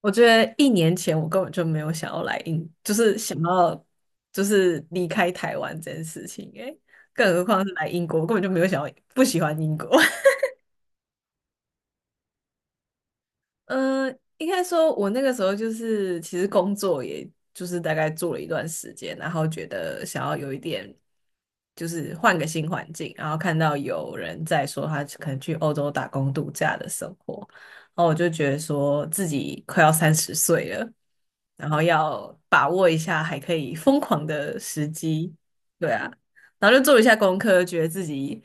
我觉得一年前我根本就没有想要就是想要就是离开台湾这件事情，诶，更何况是来英国，我根本就没有想要不喜欢英国。嗯，应该说，我那个时候就是，其实工作也就是大概做了一段时间，然后觉得想要有一点，就是换个新环境，然后看到有人在说他可能去欧洲打工度假的生活，然后我就觉得说自己快要30岁了，然后要把握一下还可以疯狂的时机，对啊，然后就做了一下功课，觉得自己。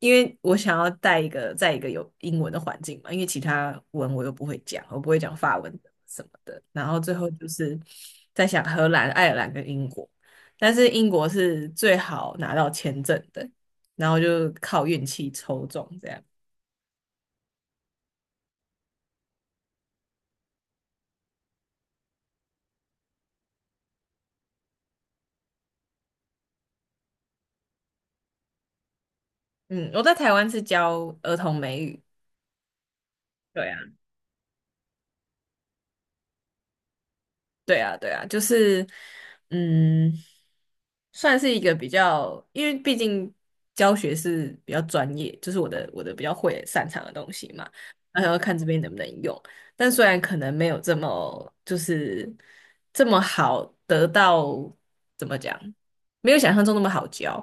因为我想要带一个在一个有英文的环境嘛，因为其他文我又不会讲，我不会讲法文什么的。然后最后就是在想荷兰、爱尔兰跟英国，但是英国是最好拿到签证的，然后就靠运气抽中这样。嗯，我在台湾是教儿童美语，对啊。对啊，对啊，就是，嗯，算是一个比较，因为毕竟教学是比较专业，就是我的比较会擅长的东西嘛，然后要看这边能不能用。但虽然可能没有这么就是这么好得到，怎么讲，没有想象中那么好教，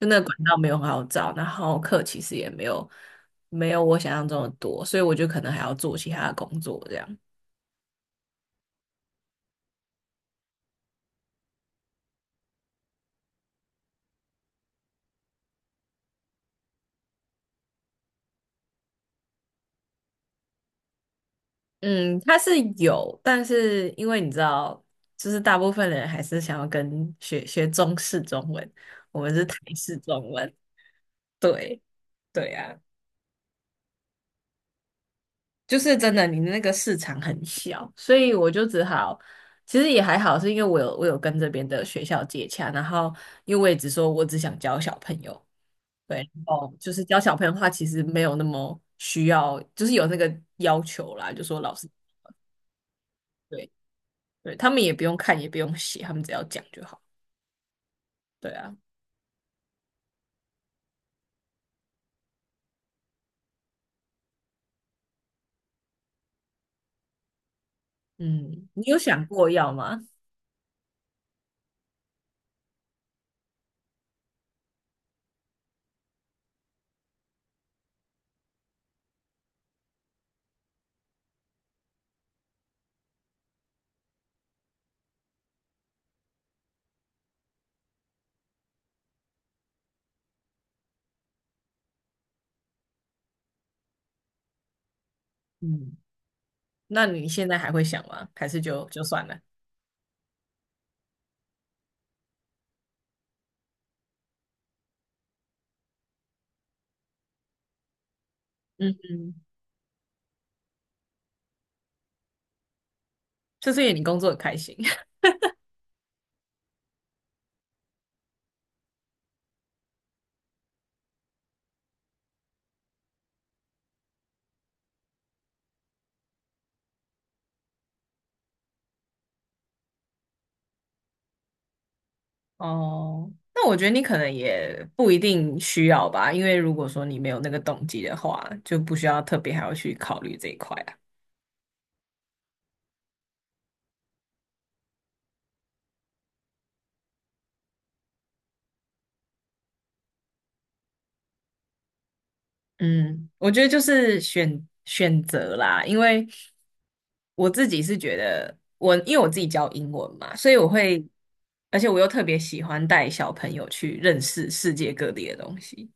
就那个管道没有很好找，然后课其实也没有没有我想象中的多，所以我就可能还要做其他的工作这样。嗯，他是有，但是因为你知道，就是大部分人还是想要跟学中式中文，我们是台式中文。对，对啊，就是真的，你那个市场很小，所以我就只好，其实也还好，是因为我有跟这边的学校接洽，然后因为我也只说我只想教小朋友，对，然后就是教小朋友的话，其实没有那么需要，就是有那个要求啦，就说老师，对对，他们也不用看，也不用写，他们只要讲就好。对啊，嗯，你有想过要吗？嗯，那你现在还会想吗？还是就算了？嗯嗯，就是因为你工作很开心。哦，那我觉得你可能也不一定需要吧，因为如果说你没有那个动机的话，就不需要特别还要去考虑这一块啊。嗯，我觉得就是选择啦，因为我自己是觉得我，因为我自己教英文嘛，所以我会，而且我又特别喜欢带小朋友去认识世界各地的东西，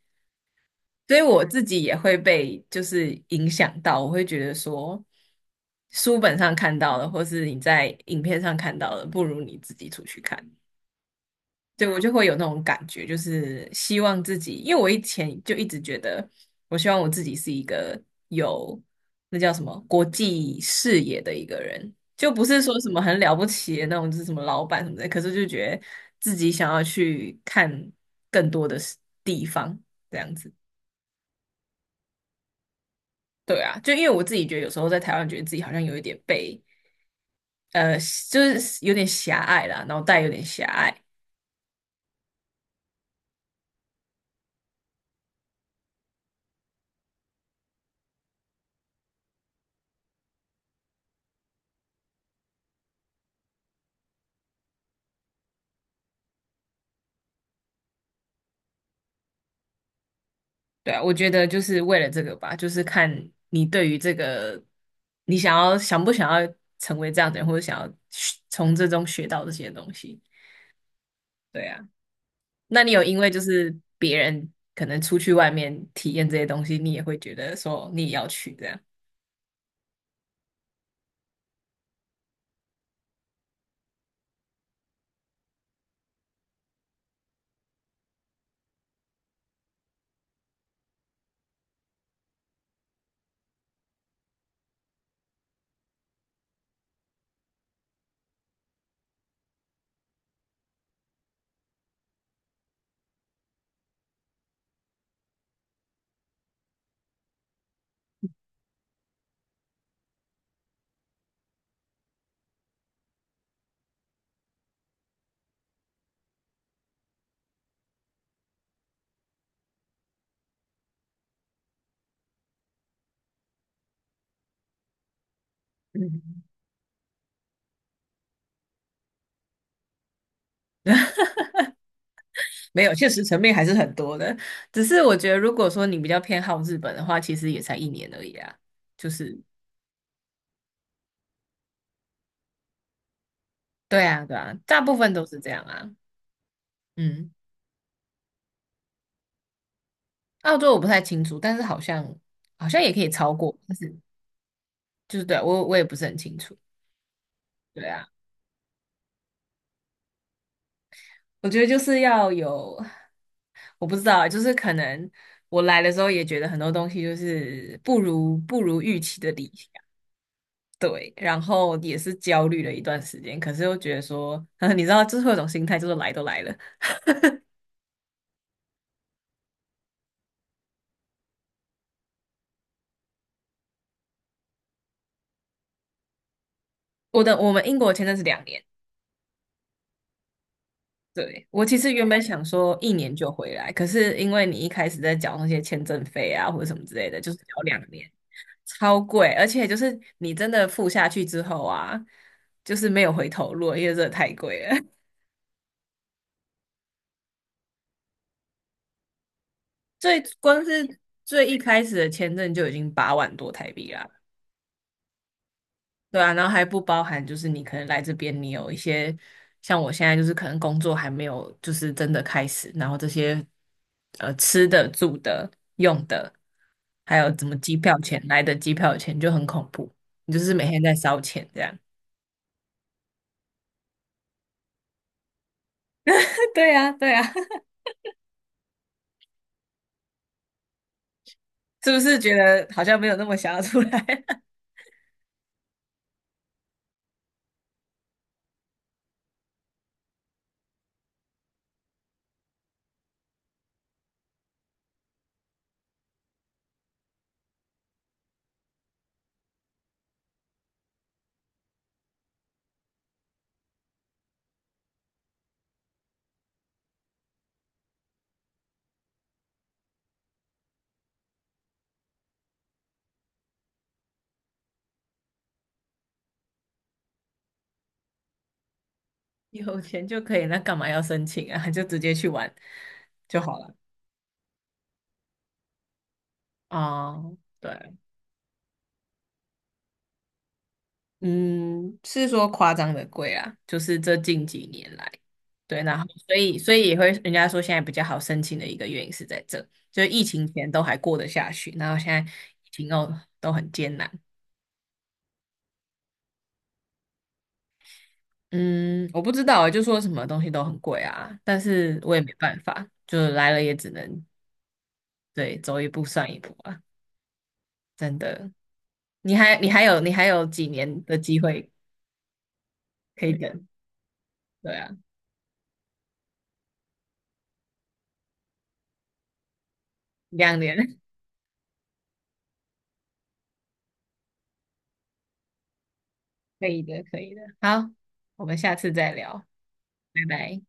所以我自己也会被就是影响到，我会觉得说，书本上看到的，或是你在影片上看到的，不如你自己出去看。对，我就会有那种感觉，就是希望自己，因为我以前就一直觉得，我希望我自己是一个有那叫什么国际视野的一个人，就不是说什么很了不起的那种，就是什么老板什么的，可是就觉得自己想要去看更多的事地方，这样子。对啊，就因为我自己觉得有时候在台湾，觉得自己好像有一点被呃，就是有点狭隘啦，脑袋有点狭隘。对啊，我觉得就是为了这个吧，就是看你对于这个，你想要想不想要成为这样的人，或者想要学从这中学到这些东西。对啊，那你有因为就是别人可能出去外面体验这些东西，你也会觉得说你也要去这样？嗯，没有，现实层面还是很多的。只是我觉得，如果说你比较偏好日本的话，其实也才一年而已啊。就是，对啊，对啊，大部分都是这样啊。嗯。澳洲我不太清楚，但是好像好像也可以超过，但是就是对啊我也不是很清楚。对啊，我觉得就是要有，我不知道啊，就是可能我来的时候也觉得很多东西就是不如预期的理想，对，然后也是焦虑了一段时间，可是又觉得说，你知道，就是会有种心态，就是来都来了。我的我们英国签证是两年。对，我其实原本想说一年就回来，可是因为你一开始在缴那些签证费啊或者什么之类的，就是缴两年，超贵，而且就是你真的付下去之后啊，就是没有回头路了因为这太贵了。光是最一开始的签证就已经8万多台币啦，对啊，然后还不包含就是你可能来这边，你有一些像我现在就是可能工作还没有就是真的开始，然后这些吃的、住的、用的，还有怎么机票钱来的机票钱就很恐怖，你就是每天在烧钱这样，对啊，对啊，是不是觉得好像没有那么想要出来？有钱就可以，那干嘛要申请啊？就直接去玩就好了。哦，对啊。嗯，是说夸张的贵啊，就是这近几年来，对，然后哦所以也会人家说现在比较好申请的一个原因是在这，就疫情前都还过得下去，然后现在疫情后都很艰难。嗯，我不知道欸，就说什么东西都很贵啊，但是我也没办法，就来了也只能对走一步算一步啊，真的。你还有几年的机会可以等，对啊，两年 可以的，可以的。好，我们下次再聊。拜拜。